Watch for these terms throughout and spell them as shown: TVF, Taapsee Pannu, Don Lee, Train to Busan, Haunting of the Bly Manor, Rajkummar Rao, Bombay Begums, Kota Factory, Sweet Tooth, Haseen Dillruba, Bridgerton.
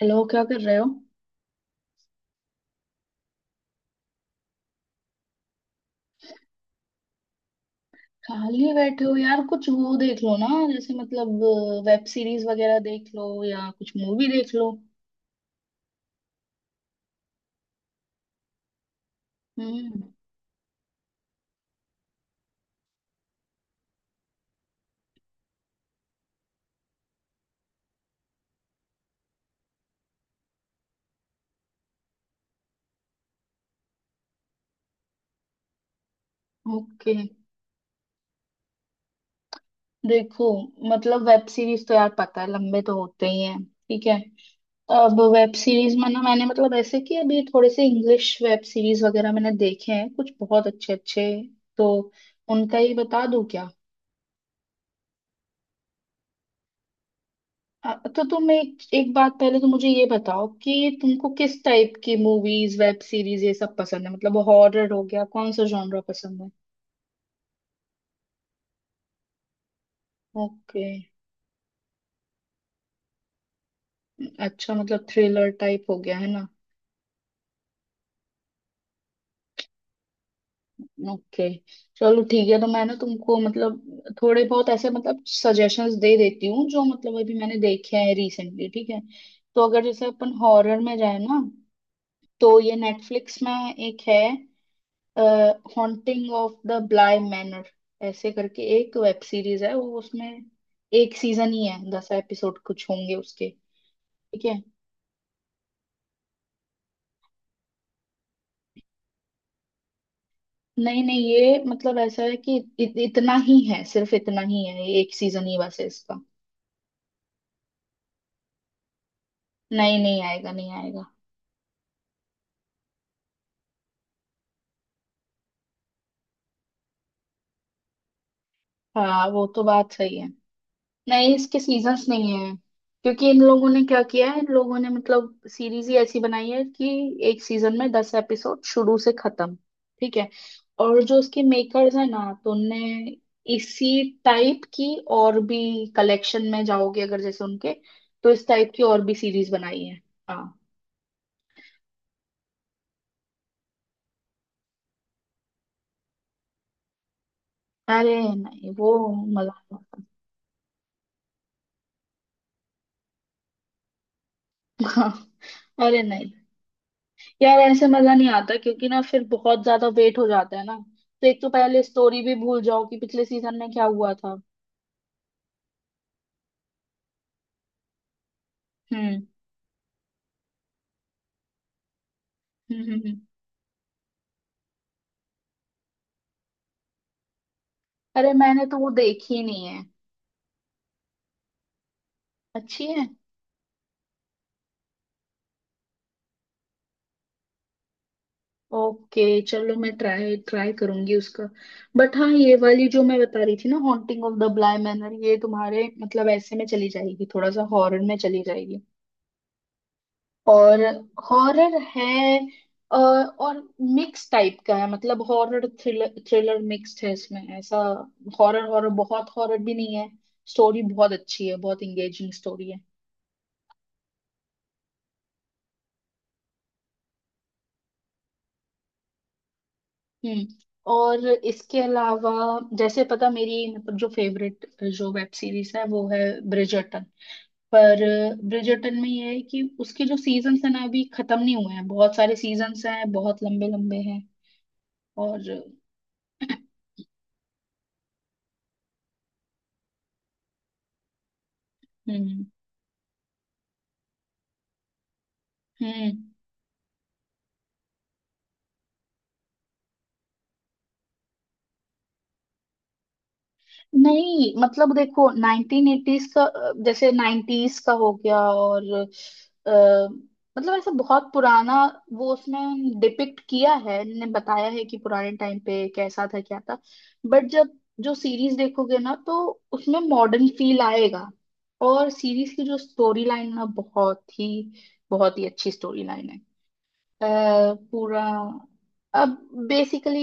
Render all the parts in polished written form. Hello, क्या कर रहे हो। खाली बैठे हो यार, कुछ वो देख लो ना। जैसे मतलब, वेब सीरीज वगैरह देख लो या कुछ मूवी देख लो। हम्म। ओके। देखो, मतलब वेब सीरीज तो यार पता है, लंबे तो होते ही हैं, ठीक है। अब वेब सीरीज में ना, मैंने मतलब ऐसे कि अभी थोड़े से इंग्लिश वेब सीरीज वगैरह मैंने देखे हैं, कुछ बहुत अच्छे अच्छे। तो उनका ही बता दूं क्या। तो तुम एक एक बात पहले तो मुझे ये बताओ कि तुमको किस टाइप की मूवीज, वेब सीरीज ये सब पसंद है। मतलब हॉरर हो गया, कौन सा जॉनरा पसंद है। ओके। अच्छा, मतलब थ्रिलर टाइप हो गया है ना। ओके, चलो ठीक है, तो मैं ना तुमको मतलब थोड़े बहुत ऐसे मतलब सजेशंस दे देती हूँ, जो मतलब अभी मैंने देखे हैं रिसेंटली, ठीक है। तो अगर जैसे अपन हॉरर में जाए ना, तो ये नेटफ्लिक्स में एक है, haunting of the Bly Manor ऐसे करके एक वेब सीरीज है वो, उसमें एक सीजन ही है, 10 एपिसोड कुछ होंगे उसके। ठीक है। नहीं नहीं, ये मतलब ऐसा है कि इतना ही है, सिर्फ इतना ही है, ये एक सीजन ही बस है इसका। नहीं, नहीं आएगा, नहीं आएगा। हाँ, वो तो बात सही है। नहीं, इसके सीजन्स नहीं है। क्योंकि इन लोगों ने क्या किया है, इन लोगों ने मतलब सीरीज ही ऐसी बनाई है कि एक सीजन में 10 एपिसोड शुरू से खत्म। ठीक है। और जो उसके मेकर्स हैं ना, तो उनने इसी टाइप की और भी, कलेक्शन में जाओगे अगर जैसे उनके, तो इस टाइप की और भी सीरीज बनाई है। हाँ। अरे नहीं, वो मजा नहीं आता। हाँ, अरे नहीं। यार, ऐसे मजा नहीं आता, क्योंकि ना फिर बहुत ज्यादा वेट हो जाता है ना। तो एक तो पहले स्टोरी भी भूल जाओ कि पिछले सीजन में क्या हुआ था। हम्म, हम्म, हम्म, अरे, मैंने तो वो देखी नहीं है। अच्छी है। ओके, चलो मैं ट्राई ट्राई करूंगी उसका। बट हाँ, ये वाली जो मैं बता रही थी ना, haunting of the Bly Manor, ये तुम्हारे मतलब ऐसे में चली जाएगी, थोड़ा सा हॉरर में चली जाएगी। और हॉरर है। और मिक्स टाइप का है, मतलब हॉरर थ्रिलर, थ्रिलर मिक्स्ड है इसमें ऐसा। हॉरर, हॉरर बहुत हॉरर भी नहीं है। स्टोरी बहुत अच्छी है, बहुत इंगेजिंग स्टोरी है। हम्म। और इसके अलावा, जैसे पता, मेरी मतलब जो फेवरेट, जो वेब सीरीज है वो है ब्रिजर्टन। पर ब्रिजर्टन में ये है कि उसके जो सीजन्स हैं ना, अभी खत्म नहीं हुए हैं, बहुत सारे सीजन्स हैं, बहुत लंबे लंबे हैं। और हम्म, हम्म। नहीं, मतलब देखो 1980s का, जैसे 90s का हो गया और अ, मतलब ऐसा बहुत पुराना। वो उसमें डिपिक्ट किया है, ने बताया है कि पुराने टाइम पे कैसा था, क्या था। बट जब जो सीरीज देखोगे ना, तो उसमें मॉडर्न फील आएगा। और सीरीज की जो स्टोरी लाइन ना, बहुत ही अच्छी स्टोरी लाइन है। अ, पूरा अब बेसिकली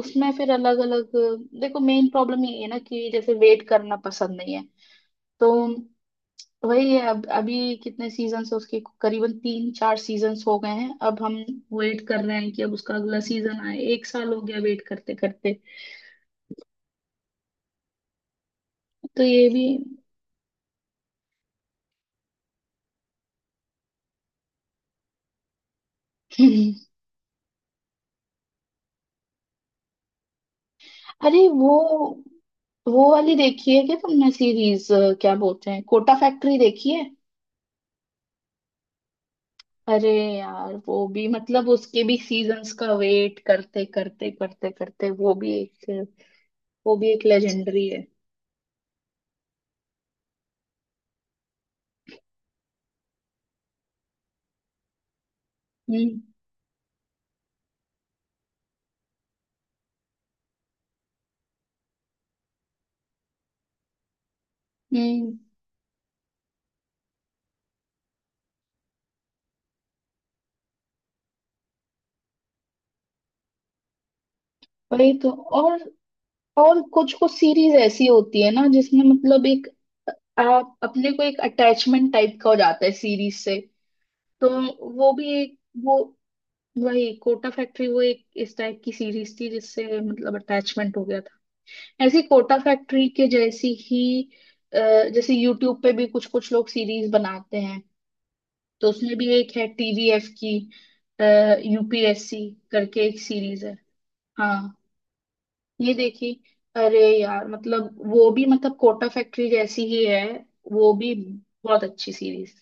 उसमें फिर अलग अलग, देखो मेन प्रॉब्लम ये है ना कि जैसे वेट करना पसंद नहीं है। तो वही है, अब अभी कितने सीजन्स है उसके, करीबन तीन चार सीजन्स हो गए हैं। अब हम वेट कर रहे हैं कि अब उसका अगला सीजन आए, एक साल हो गया वेट करते करते। तो ये भी। अरे वो वाली देखी है क्या तुमने सीरीज, क्या बोलते हैं, कोटा फैक्ट्री देखी है। अरे यार, वो भी मतलब उसके भी सीजन्स का वेट करते करते करते करते, वो भी एक, वो भी एक लेजेंडरी है। हम्म, हम्म, वही तो। और और कुछ कुछ सीरीज ऐसी होती है ना, जिसमें मतलब एक, आप अपने को एक अटैचमेंट टाइप का हो जाता है सीरीज से। तो वो भी एक, वो वही कोटा फैक्ट्री, वो एक इस टाइप की सीरीज थी जिससे मतलब अटैचमेंट हो गया था। ऐसी कोटा फैक्ट्री के जैसी ही। अ, जैसे यूट्यूब पे भी कुछ कुछ लोग सीरीज बनाते हैं। तो उसमें भी एक है टीवीएफ की, यूपीएससी करके एक सीरीज है। हाँ। ये देखी। अरे यार, मतलब वो भी मतलब कोटा फैक्ट्री जैसी ही है, वो भी बहुत अच्छी सीरीज।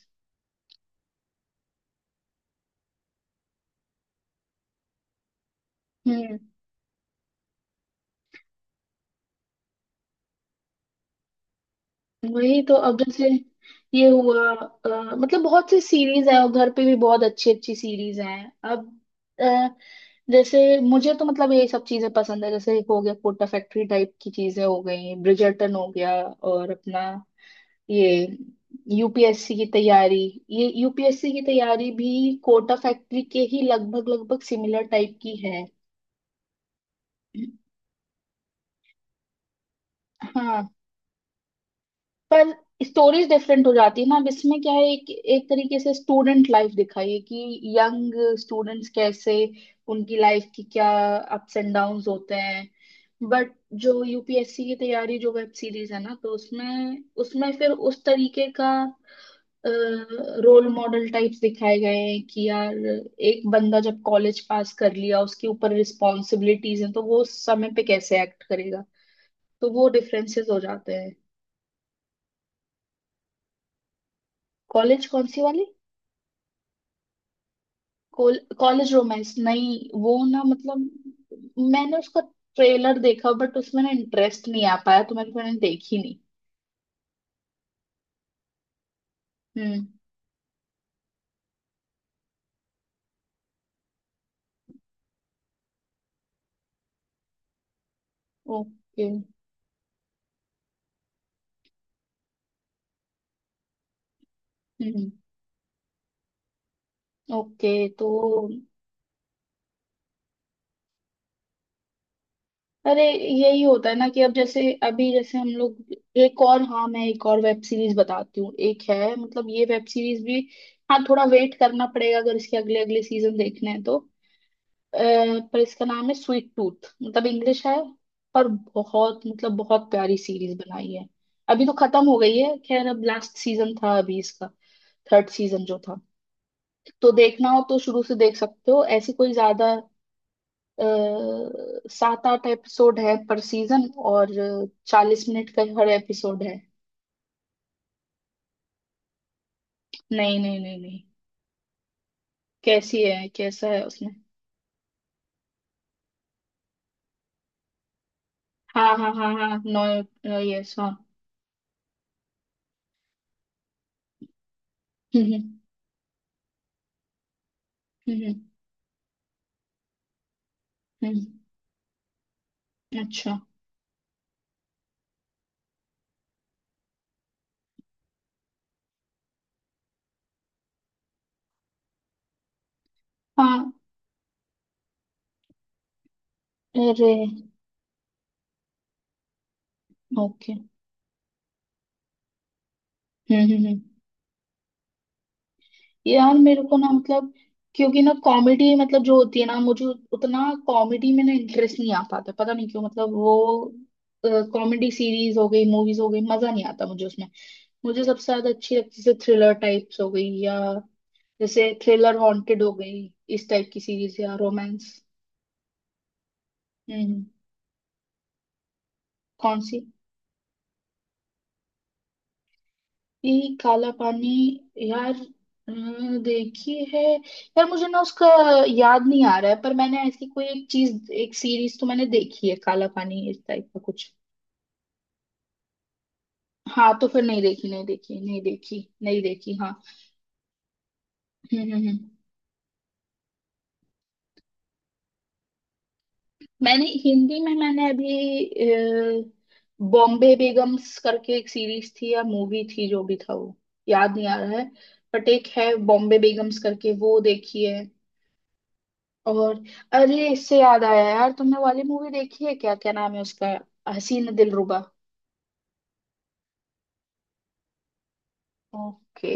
वही तो अब जैसे ये हुआ, मतलब बहुत सी सीरीज है, और घर पे भी बहुत अच्छी अच्छी सीरीज हैं अब। अ, जैसे मुझे तो मतलब ये सब चीजें पसंद है, जैसे हो गया कोटा फैक्ट्री टाइप की चीजें, हो गई ब्रिजर्टन, हो गया और अपना ये यूपीएससी की तैयारी। ये यूपीएससी की तैयारी भी कोटा फैक्ट्री के ही लगभग लगभग सिमिलर टाइप की है। हाँ, पर स्टोरीज डिफरेंट हो जाती है ना, अब इसमें क्या है, एक एक तरीके से स्टूडेंट लाइफ दिखाई है कि यंग स्टूडेंट्स कैसे, उनकी लाइफ की क्या अप्स एंड डाउन्स होते हैं। बट जो यूपीएससी की तैयारी, जो वेब सीरीज है ना, तो उसमें उसमें फिर उस तरीके का रोल मॉडल टाइप्स दिखाए गए हैं कि यार एक बंदा जब कॉलेज पास कर लिया, उसके ऊपर रिस्पॉन्सिबिलिटीज हैं, तो वो उस समय पे कैसे एक्ट करेगा। तो वो डिफरेंसेस हो जाते हैं। कॉलेज कौन सी वाली। कॉलेज रोमांस, नहीं वो ना मतलब, मैंने उसका ट्रेलर देखा, बट उसमें ना इंटरेस्ट नहीं आ पाया, तो मैंने मैंने देखी नहीं। हम्म। ओके। हम्म। ओके। तो, अरे यही होता है ना कि अब जैसे अभी जैसे हम लोग, एक और, हाँ मैं एक और वेब सीरीज बताती हूँ, एक है मतलब ये वेब सीरीज भी। हाँ, थोड़ा वेट करना पड़ेगा अगर इसके अगले अगले सीजन देखने हैं तो। अ, पर इसका नाम है स्वीट टूथ, मतलब इंग्लिश है। पर बहुत मतलब बहुत प्यारी सीरीज बनाई है। अभी तो खत्म हो गई है, खैर अब लास्ट सीजन था अभी इसका, थर्ड सीजन जो था। तो देखना हो तो शुरू से देख सकते हो, ऐसी कोई ज्यादा। सात आठ एपिसोड है पर सीजन, और 40 मिनट का हर एपिसोड है। नहीं, नहीं, नहीं, नहीं। कैसी है, कैसा है उसमें। हाँ, हाँ, हाँ, हाँ, नो, यस, हाँ। हम्म, हम्म, हम्म, हम्म, हम्म, अच्छा, हाँ, अरे, ओके। हम्म, हम्म, यार, मेरे को ना मतलब, क्योंकि ना कॉमेडी मतलब जो होती है ना, मुझे उतना कॉमेडी में ना इंटरेस्ट नहीं आ पाता, पता नहीं क्यों, मतलब वो। कॉमेडी सीरीज हो गई, मूवीज हो गई, मजा नहीं आता मुझे उसमें। मुझे सबसे ज्यादा अच्छी लगती है थ्रिलर टाइप्स हो गई, या जैसे थ्रिलर, हॉन्टेड हो गई इस टाइप की सीरीज, या रोमांस। हम्म, कौन सी। ये काला पानी। यार अ, देखी है। यार मुझे ना उसका याद नहीं आ रहा है, पर मैंने ऐसी कोई एक चीज, एक सीरीज तो मैंने देखी है काला पानी इस टाइप का कुछ। हाँ, तो फिर नहीं देखी, नहीं देखी, नहीं देखी, नहीं देखी, हाँ। हम्म, हम्म, मैंने हिंदी में मैंने अभी बॉम्बे बेगम्स करके एक सीरीज थी या मूवी थी, जो भी था वो याद नहीं आ रहा है। बट एक है बॉम्बे बेगम्स करके, वो देखी है। और, अरे इससे याद आया, यार तुमने वाली मूवी देखी है क्या, क्या नाम है उसका, हसीन दिलरुबा। ओके।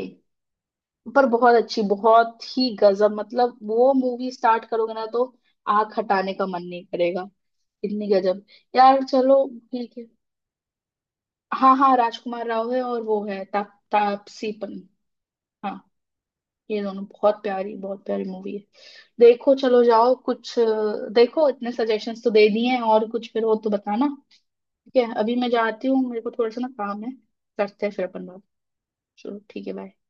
पर बहुत अच्छी, बहुत ही गजब मतलब, वो मूवी स्टार्ट करोगे ना तो आंख हटाने का मन नहीं करेगा, इतनी गजब। यार चलो, ठीक है। हाँ हाँ, राजकुमार राव है, और वो है तापसी पन्नू। हाँ। ये दोनों, बहुत प्यारी मूवी है। देखो, चलो जाओ कुछ देखो, इतने सजेशंस तो दे दिए हैं, और कुछ फिर हो तो बताना। ठीक है, अभी मैं जाती हूँ, मेरे को थोड़ा सा ना काम है। करते हैं फिर अपन बात। चलो ठीक है, बाय।